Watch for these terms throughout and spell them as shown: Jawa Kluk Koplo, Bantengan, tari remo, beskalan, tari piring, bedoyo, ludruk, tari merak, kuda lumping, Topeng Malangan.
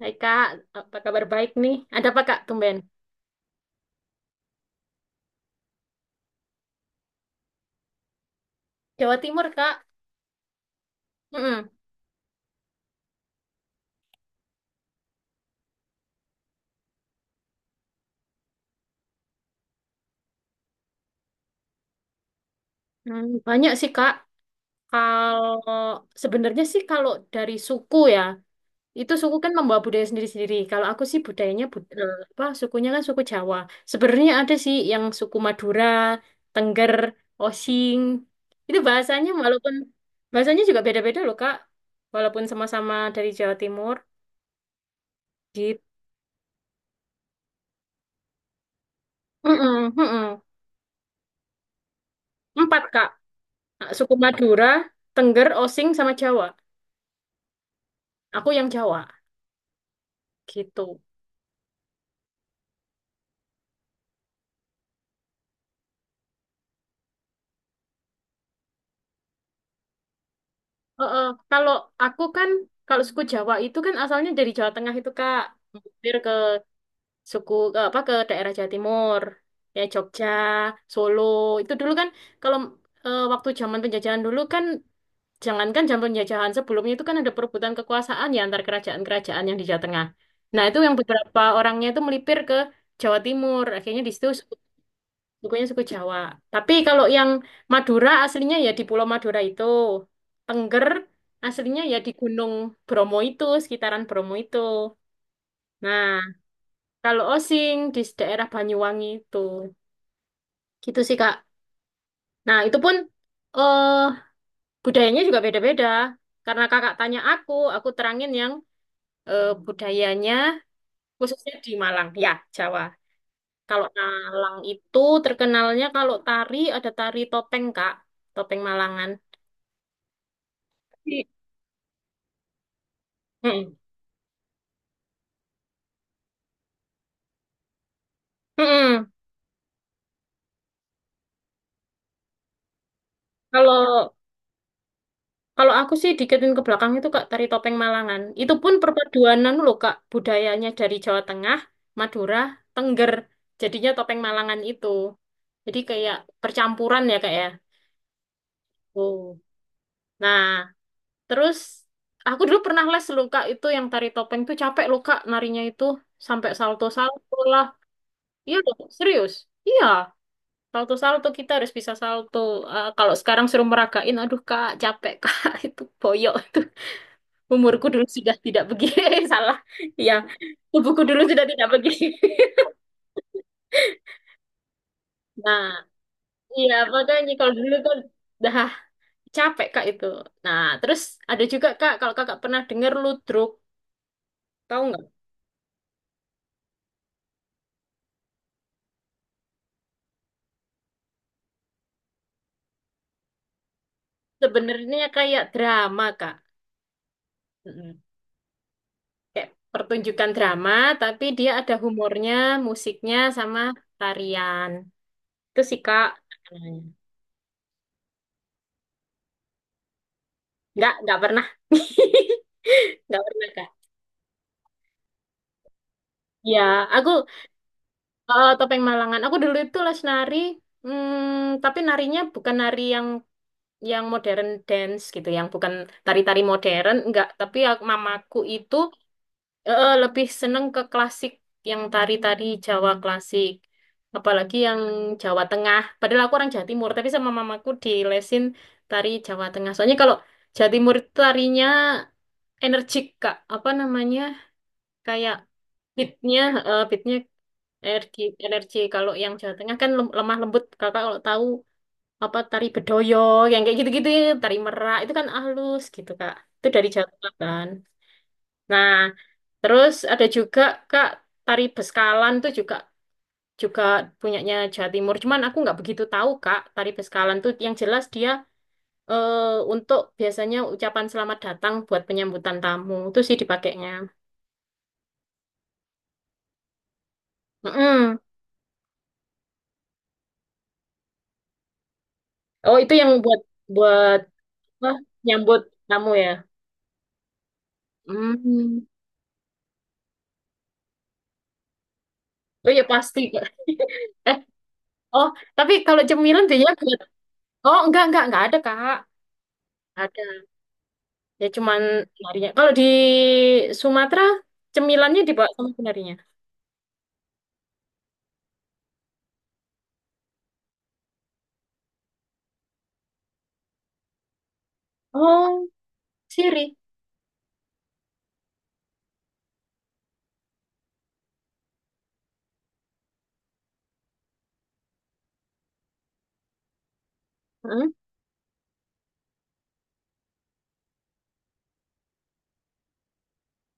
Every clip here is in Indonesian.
Hai Kak, apa kabar baik nih? Ada apa Kak, tumben? Jawa Timur, Kak. Mm-mm. Hmm, banyak sih Kak. Kalau sebenarnya kalau dari suku ya, itu suku kan membawa budaya sendiri-sendiri. Kalau aku sih budayanya apa sukunya kan suku Jawa. Sebenarnya ada sih yang suku Madura, Tengger, Osing. Itu bahasanya walaupun bahasanya juga beda-beda loh Kak. Walaupun sama-sama dari Jawa Timur. Gitu. Mm-mm, mm-mm. Empat Kak. Nah, suku Madura, Tengger, Osing, sama Jawa. Aku yang Jawa, gitu. Kalau aku kan, kalau suku Jawa itu kan asalnya dari Jawa Tengah itu, Kak. Mampir ke suku, ke apa, ke daerah Jawa Timur. Ya, Jogja, Solo. Itu dulu kan, kalau waktu zaman penjajahan dulu kan, jangankan zaman penjajahan sebelumnya itu kan ada perebutan kekuasaan ya antar kerajaan-kerajaan yang di Jawa Tengah. Nah, itu yang beberapa orangnya itu melipir ke Jawa Timur. Akhirnya di situ sukunya suku Jawa. Tapi kalau yang Madura aslinya ya di Pulau Madura itu. Tengger aslinya ya di Gunung Bromo itu, sekitaran Bromo itu. Nah, kalau Osing di daerah Banyuwangi itu. Gitu sih, Kak. Nah, itu pun eh budayanya juga beda-beda. Karena Kakak tanya aku terangin yang budayanya khususnya di Malang, ya, Jawa. Kalau Malang itu terkenalnya kalau tari ada tari topeng, Kak. Topeng Malangan. Mm-mm. Mm-mm. Kalau kalau aku sih diketin ke belakang itu Kak tari topeng Malangan. Itu pun perpaduanan loh Kak budayanya dari Jawa Tengah, Madura, Tengger. Jadinya topeng Malangan itu. Jadi kayak percampuran ya Kak ya. Oh. Nah, terus aku dulu pernah les loh Kak itu yang tari topeng tuh capek loh Kak narinya itu sampai salto-salto lah. Iya loh, serius. Iya. Salto-salto kita harus bisa salto. Eh, kalau sekarang suruh meragain, aduh kak capek kak itu boyok itu. Umurku dulu sudah tidak begini, salah. Ya, tubuhku dulu sudah tidak begini. Nah, iya makanya kalau dulu tuh dah capek kak itu. Nah, terus ada juga kak kalau kakak pernah dengar ludruk, tahu nggak? Sebenarnya kayak drama kak. Mm-mm. Kayak pertunjukan drama, tapi dia ada humornya, musiknya sama tarian. Itu sih kak. Nah, nggak pernah. Nggak pernah, Kak. Ya, aku topeng Malangan. Aku dulu itu les nari, hmm, tapi narinya bukan nari yang modern dance gitu, yang bukan tari-tari modern, enggak. Mamaku itu lebih seneng ke klasik, yang tari-tari Jawa klasik. Apalagi yang Jawa Tengah. Padahal aku orang Jawa Timur, tapi sama mamaku dilesin tari Jawa Tengah. Soalnya kalau Jawa Timur itu tarinya energik, Kak. Apa namanya? Kayak pitnya, pitnya energi, energi. Kalau yang Jawa Tengah kan lemah lembut. Kakak kalau tahu apa tari bedoyo, yang kayak gitu-gitu, ya, tari merak itu kan halus gitu kak. Itu dari Jawa Tengah kan. Nah, terus ada juga kak tari beskalan tuh juga juga punyanya Jawa Timur. Cuman aku nggak begitu tahu kak tari beskalan tuh yang jelas dia eh untuk biasanya ucapan selamat datang buat penyambutan tamu itu sih dipakainya. Mm-mm. Oh itu yang buat buat. Wah, nyambut kamu ya. Hmm. Oh ya pasti. Kak. Eh, oh, tapi kalau cemilan biasanya buat. Oh, enggak ada, Kak. Ada. Ya cuman narinya. Kalau di Sumatera cemilannya dibawa sama penarinya. Oh, siri. Heeh.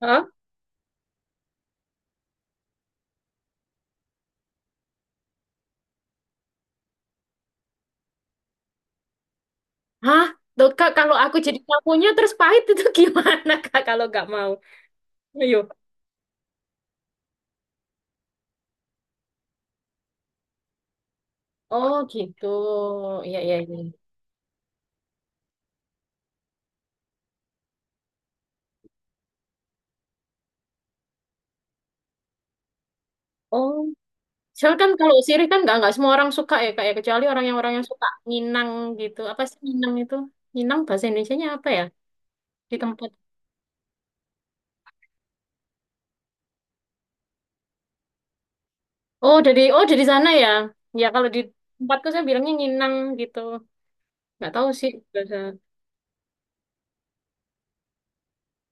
Heeh. Hah? Tuh, Kak, kalau aku jadi tamunya terus pahit itu gimana, Kak, kalau nggak mau? Ayo. Oh, gitu. Iya, iya, iya. Soalnya kan kalau sirih kan nggak semua orang suka ya kak ya kecuali orang yang suka Minang gitu. Apa sih Minang itu? Minang bahasa Indonesianya apa ya? Di tempat. Oh dari sana ya. Ya kalau di tempatku saya bilangnya Minang gitu. Nggak tahu sih bahasa.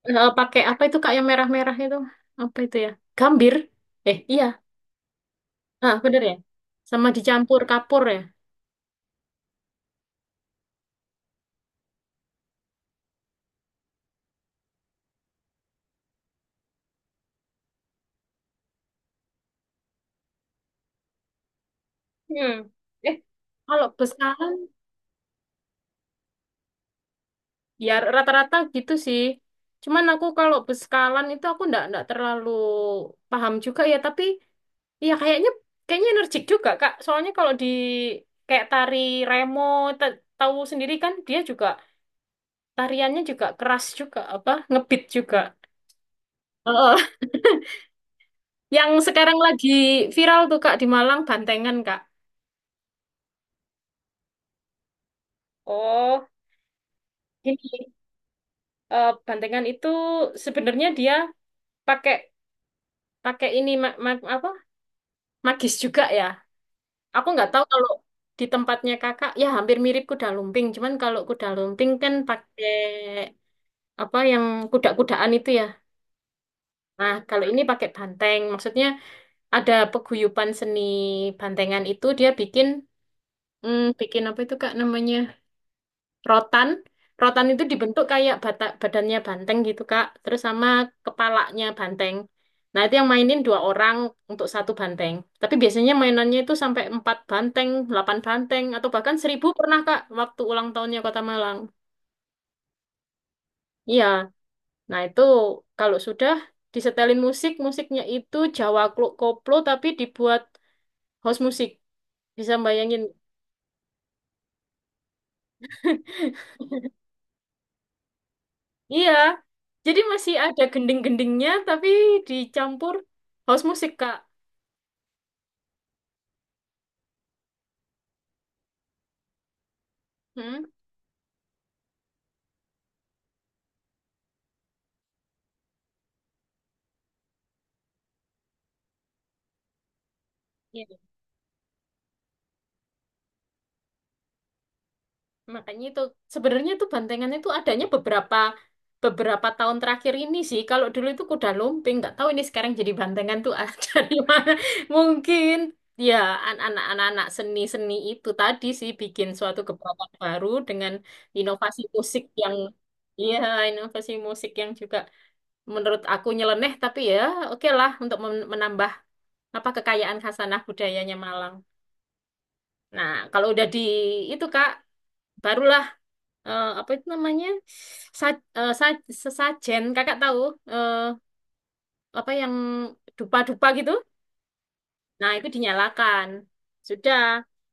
Eh, pakai apa itu kak yang merah-merah itu? Apa itu ya? Gambir. Eh iya. Ah bener ya. Sama dicampur kapur ya. Hmm. Eh kalau Beskala, ya rata-rata gitu sih. Cuman aku kalau beskalan itu aku ndak ndak terlalu paham juga ya. Tapi ya kayaknya kayaknya energik juga Kak. Soalnya kalau di kayak tari remo, tahu sendiri kan dia juga tariannya juga keras juga apa ngebeat juga. Heeh. Yang sekarang lagi viral tuh Kak di Malang Bantengan Kak. Oh, ini Bantengan itu sebenarnya dia pakai pakai ini apa magis juga ya. Aku nggak tahu kalau di tempatnya kakak, ya hampir mirip kuda lumping. Cuman kalau kuda lumping kan pakai apa yang kuda-kudaan itu ya. Nah, kalau ini pakai banteng. Maksudnya ada peguyupan seni bantengan itu dia bikin, hmm, bikin apa itu kak namanya? Rotan. Rotan itu dibentuk kayak badannya banteng gitu, Kak. Terus sama kepalanya banteng. Nah, itu yang mainin 2 orang untuk 1 banteng. Tapi biasanya mainannya itu sampai 4 banteng, 8 banteng, atau bahkan 1.000 pernah, Kak, waktu ulang tahunnya Kota Malang. Iya, nah itu kalau sudah disetelin musik, musiknya itu Jawa Kluk Koplo tapi dibuat house musik. Bisa bayangin? Iya, jadi masih ada gending-gendingnya tapi dicampur house musik, Kak. Hmm, iya. Makanya itu sebenarnya itu bantengan itu adanya beberapa beberapa tahun terakhir ini sih. Kalau dulu itu kuda lumping, nggak tahu ini sekarang jadi bantengan tuh dari mana. Mungkin ya anak-anak seni-seni itu tadi sih bikin suatu gebrakan baru dengan inovasi musik yang iya inovasi musik yang juga menurut aku nyeleneh tapi ya oke lah untuk menambah apa kekayaan khasanah budayanya Malang. Nah, kalau udah di itu Kak barulah apa itu namanya sa, eh, sa, sesajen kakak tahu eh, apa yang dupa-dupa gitu, nah itu dinyalakan sudah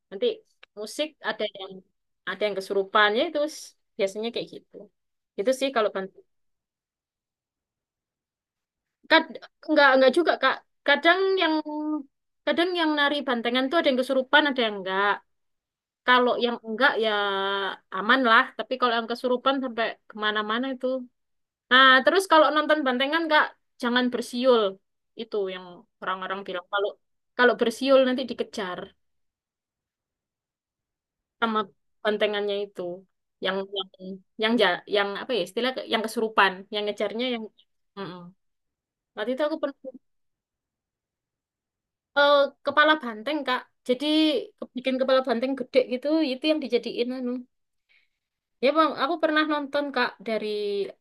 nanti musik ada yang kesurupan ya itu biasanya kayak gitu itu sih kalau banteng. Kad, enggak juga kak kadang yang kadang yang nari bantengan tuh ada yang kesurupan ada yang enggak, kalau yang enggak ya aman lah tapi kalau yang kesurupan sampai kemana-mana itu. Nah, terus kalau nonton bantengan Kak, jangan bersiul. Itu yang orang-orang bilang kalau kalau bersiul nanti dikejar sama bantengannya itu. Yang yang yang yang apa ya istilah yang kesurupan, yang ngejarnya yang. Mm-mm. Waktu itu aku pernah eh, kepala banteng Kak. Jadi bikin kepala banteng gede gitu, itu yang dijadiin anu. Ya, Bang, aku pernah nonton Kak dari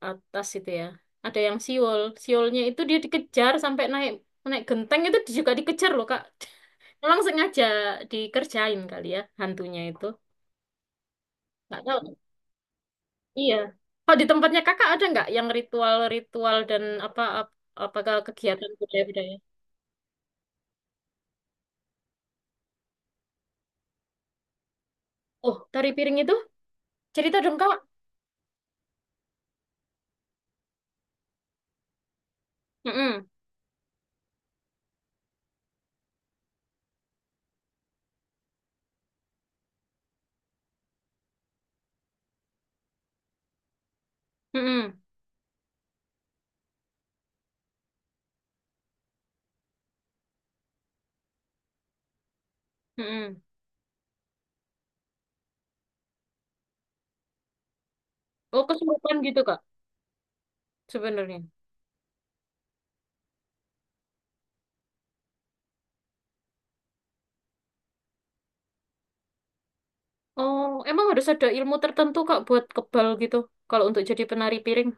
atas itu ya. Ada yang siul, siulnya itu dia dikejar sampai naik naik genteng itu juga dikejar loh Kak. Memang sengaja dikerjain kali ya hantunya itu. Nggak tahu. Iya. Kalau di tempatnya Kakak ada nggak yang ritual-ritual dan apa apakah kegiatan budaya-budaya? Oh, tari piring itu cerita dong Kak. Mm-mm. Mm-mm. Mm-mm. Oh, kesurupan gitu Kak sebenarnya. Oh, emang harus ada ilmu tertentu Kak buat kebal gitu kalau untuk jadi penari piring.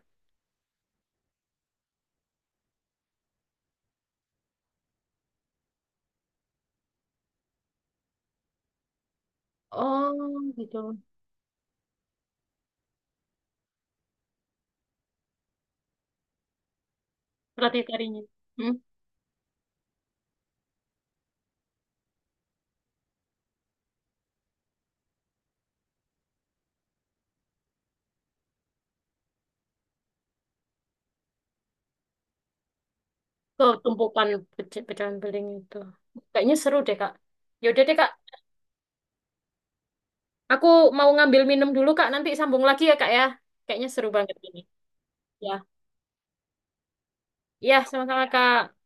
Oh, gitu. Latih tarinya. Hmm? Tuh, tumpukan pecahan beling itu. Kayaknya seru deh, Kak. Yaudah deh, Kak. Aku mau ngambil minum dulu, Kak. Nanti sambung lagi ya, Kak ya. Kayaknya seru banget ini. Ya. Ya, sama-sama, Kak.